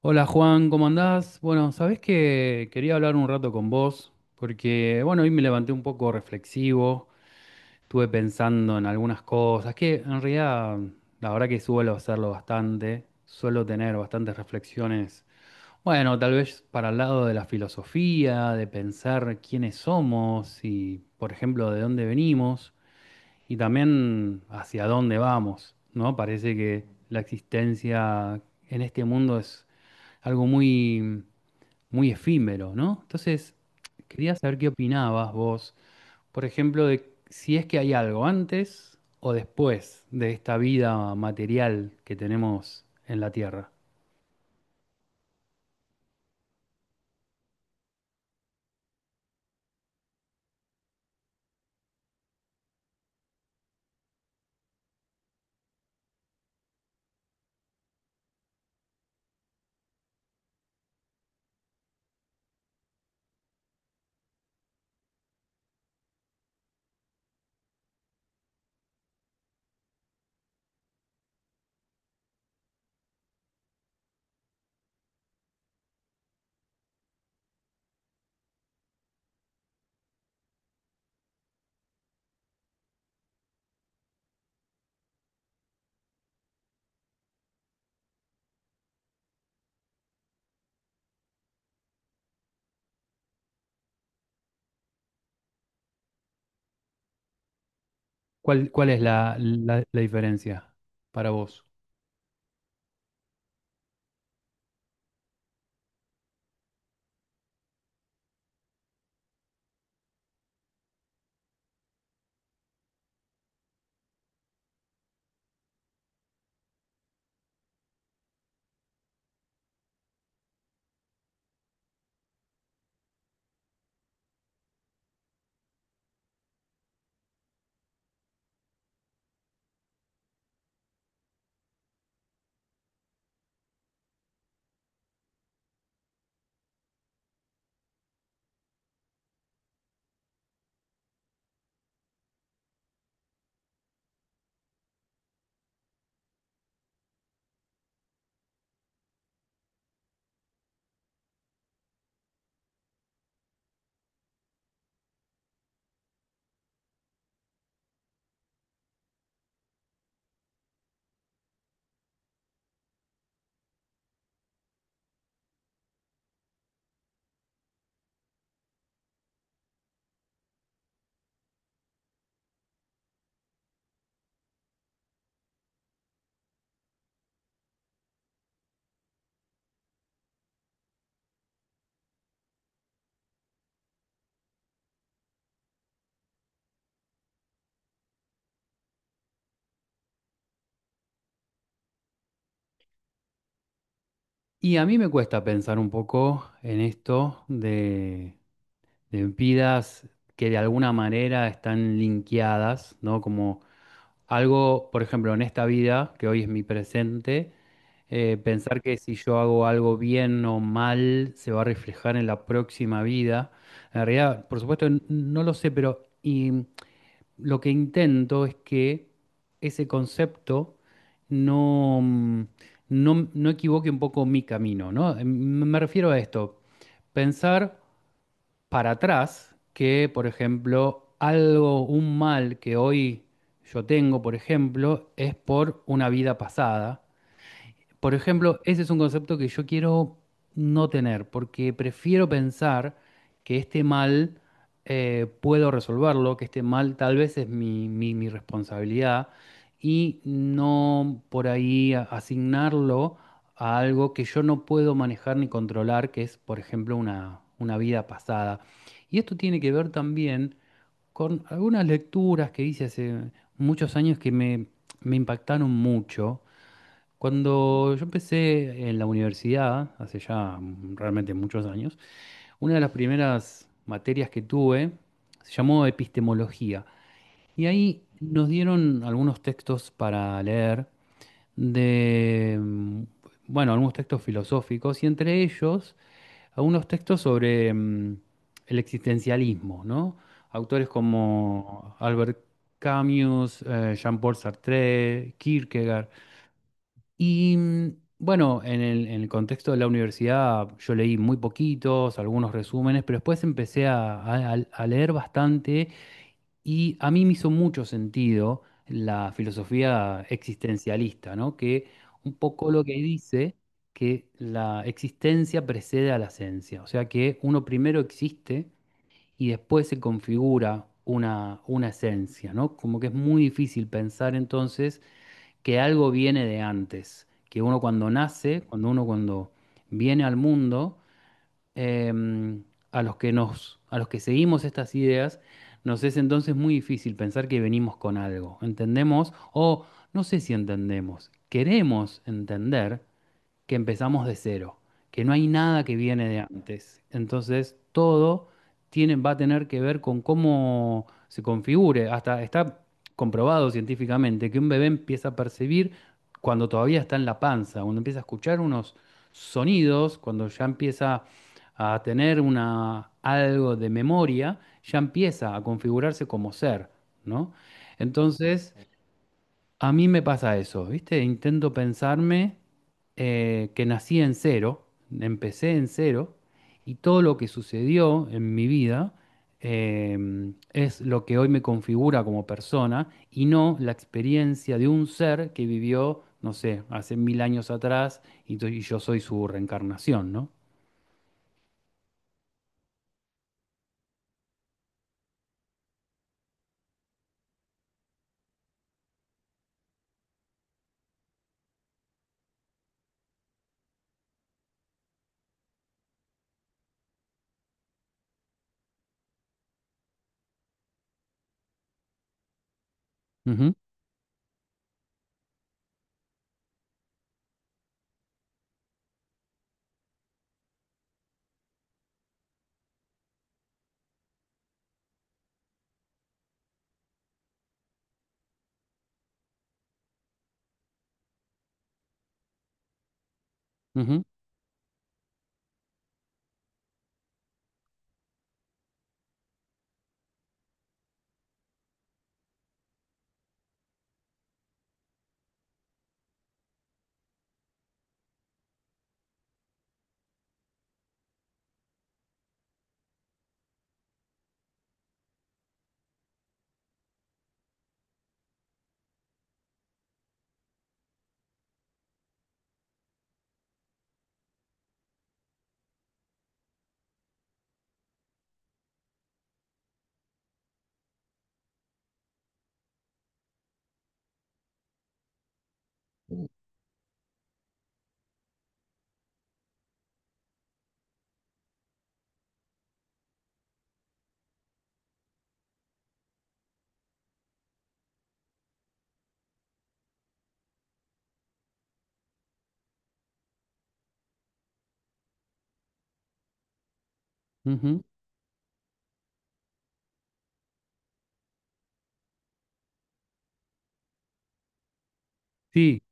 Hola Juan, ¿cómo andás? Bueno, sabés que quería hablar un rato con vos, porque bueno, hoy me levanté un poco reflexivo, estuve pensando en algunas cosas, que en realidad la verdad que suelo hacerlo bastante, suelo tener bastantes reflexiones, bueno, tal vez para el lado de la filosofía, de pensar quiénes somos y, por ejemplo, de dónde venimos. Y también hacia dónde vamos, ¿no? Parece que la existencia en este mundo es algo muy, muy efímero, ¿no? Entonces, quería saber qué opinabas vos, por ejemplo, de si es que hay algo antes o después de esta vida material que tenemos en la Tierra. ¿Cuál es la diferencia para vos? Y a mí me cuesta pensar un poco en esto de vidas que de alguna manera están linkeadas, ¿no? Como algo, por ejemplo, en esta vida, que hoy es mi presente, pensar que si yo hago algo bien o mal, se va a reflejar en la próxima vida. En realidad, por supuesto, no lo sé, pero lo que intento es que ese concepto no, mm, no equivoque un poco mi camino, ¿no? Me refiero a esto, pensar para atrás que, por ejemplo, algo, un mal que hoy yo tengo, por ejemplo, es por una vida pasada, por ejemplo, ese es un concepto que yo quiero no tener, porque prefiero pensar que este mal puedo resolverlo, que este mal tal vez es mi responsabilidad, y no por ahí asignarlo a algo que yo no puedo manejar ni controlar, que es, por ejemplo, una vida pasada. Y esto tiene que ver también con algunas lecturas que hice hace muchos años que me impactaron mucho cuando yo empecé en la universidad, hace ya realmente muchos años, una de las primeras materias que tuve se llamó epistemología. Y ahí nos dieron algunos textos para leer de, mm, bueno, algunos textos filosóficos y entre ellos algunos textos sobre el existencialismo, ¿no? Autores como Albert Camus, Jean-Paul Sartre, Kierkegaard. Y bueno, en el contexto de la universidad yo leí muy poquitos, algunos resúmenes, pero después empecé a leer bastante y a mí me hizo mucho sentido la filosofía existencialista, ¿no? Que un poco lo que dice, que la existencia precede a la esencia, o sea que uno primero existe y después se configura una esencia, ¿no? Como que es muy difícil pensar entonces que algo viene de antes, que uno cuando nace, cuando viene al mundo, em, a los que seguimos estas ideas, nos es entonces muy difícil pensar que venimos con algo. Entendemos, o no sé si entendemos, queremos entender que empezamos de cero, que no hay nada que viene de antes. Entonces, todo tiene, va a tener que ver con cómo se configure. Hasta está comprobado científicamente que un bebé empieza a percibir cuando todavía está en la panza, cuando empieza a escuchar unos sonidos, cuando ya empieza a tener algo de memoria, ya empieza a configurarse como ser, ¿no? Entonces, a mí me pasa eso, ¿viste? Intento pensarme, que nací en cero, empecé en cero, y todo lo que sucedió en mi vida eh, es lo que hoy me configura como persona y no la experiencia de un ser que vivió, no sé, hace mil años atrás, y yo soy su reencarnación, ¿no? Ujú, ujú, ujú. Sí,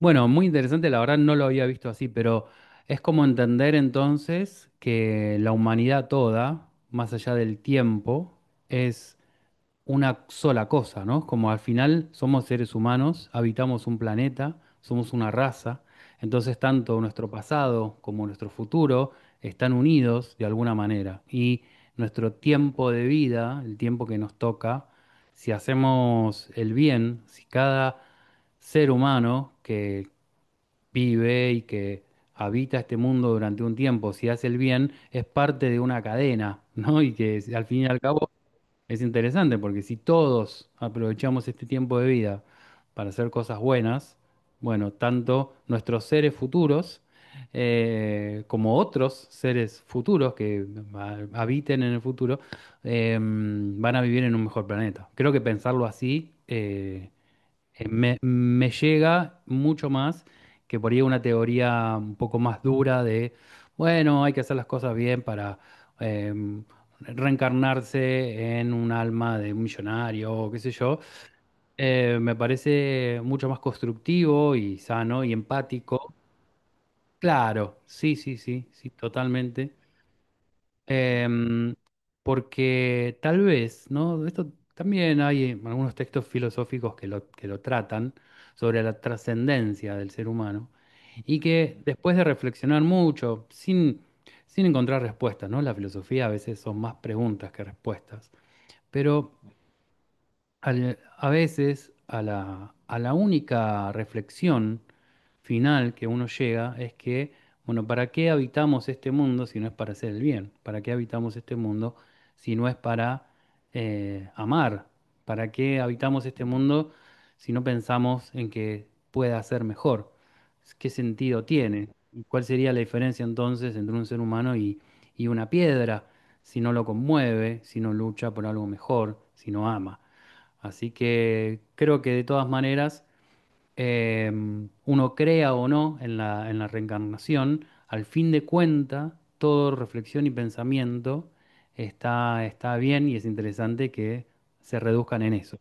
bueno, muy interesante, la verdad no lo había visto así, pero es como entender entonces que la humanidad toda, más allá del tiempo, es una sola cosa, ¿no? Como al final somos seres humanos, habitamos un planeta, somos una raza, entonces tanto nuestro pasado como nuestro futuro están unidos de alguna manera. Y nuestro tiempo de vida, el tiempo que nos toca, si hacemos el bien, si cada ser humano que vive y que habita este mundo durante un tiempo, si hace el bien, es parte de una cadena, ¿no? Y que al fin y al cabo es interesante, porque si todos aprovechamos este tiempo de vida para hacer cosas buenas, bueno, tanto nuestros seres futuros como otros seres futuros que habiten en el futuro, van a vivir en un mejor planeta. Creo que pensarlo así, me llega mucho más que por ahí una teoría un poco más dura de, bueno, hay que hacer las cosas bien para em, reencarnarse en un alma de un millonario o qué sé yo. Me parece mucho más constructivo y sano y empático. Claro, sí, sí, sí, sí, totalmente. Em, Porque tal vez, ¿no? Esto también hay en algunos textos filosóficos que lo tratan, sobre la trascendencia del ser humano y que después de reflexionar mucho, sin encontrar respuestas, ¿no? La filosofía a veces son más preguntas que respuestas, pero a veces a la única reflexión final que uno llega es que, bueno, ¿para qué habitamos este mundo si no es para hacer el bien? ¿Para qué habitamos este mundo si no es para amar? ¿Para qué habitamos este mundo si no pensamos en que pueda ser mejor? ¿Qué sentido tiene? ¿Y cuál sería la diferencia entonces entre un ser humano y una piedra si no lo conmueve, si no lucha por algo mejor, si no ama? Así que creo que de todas maneras, eh, uno crea o no en la, en la reencarnación, al fin de cuenta, todo reflexión y pensamiento está bien y es interesante que se reduzcan en eso.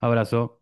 Abrazo.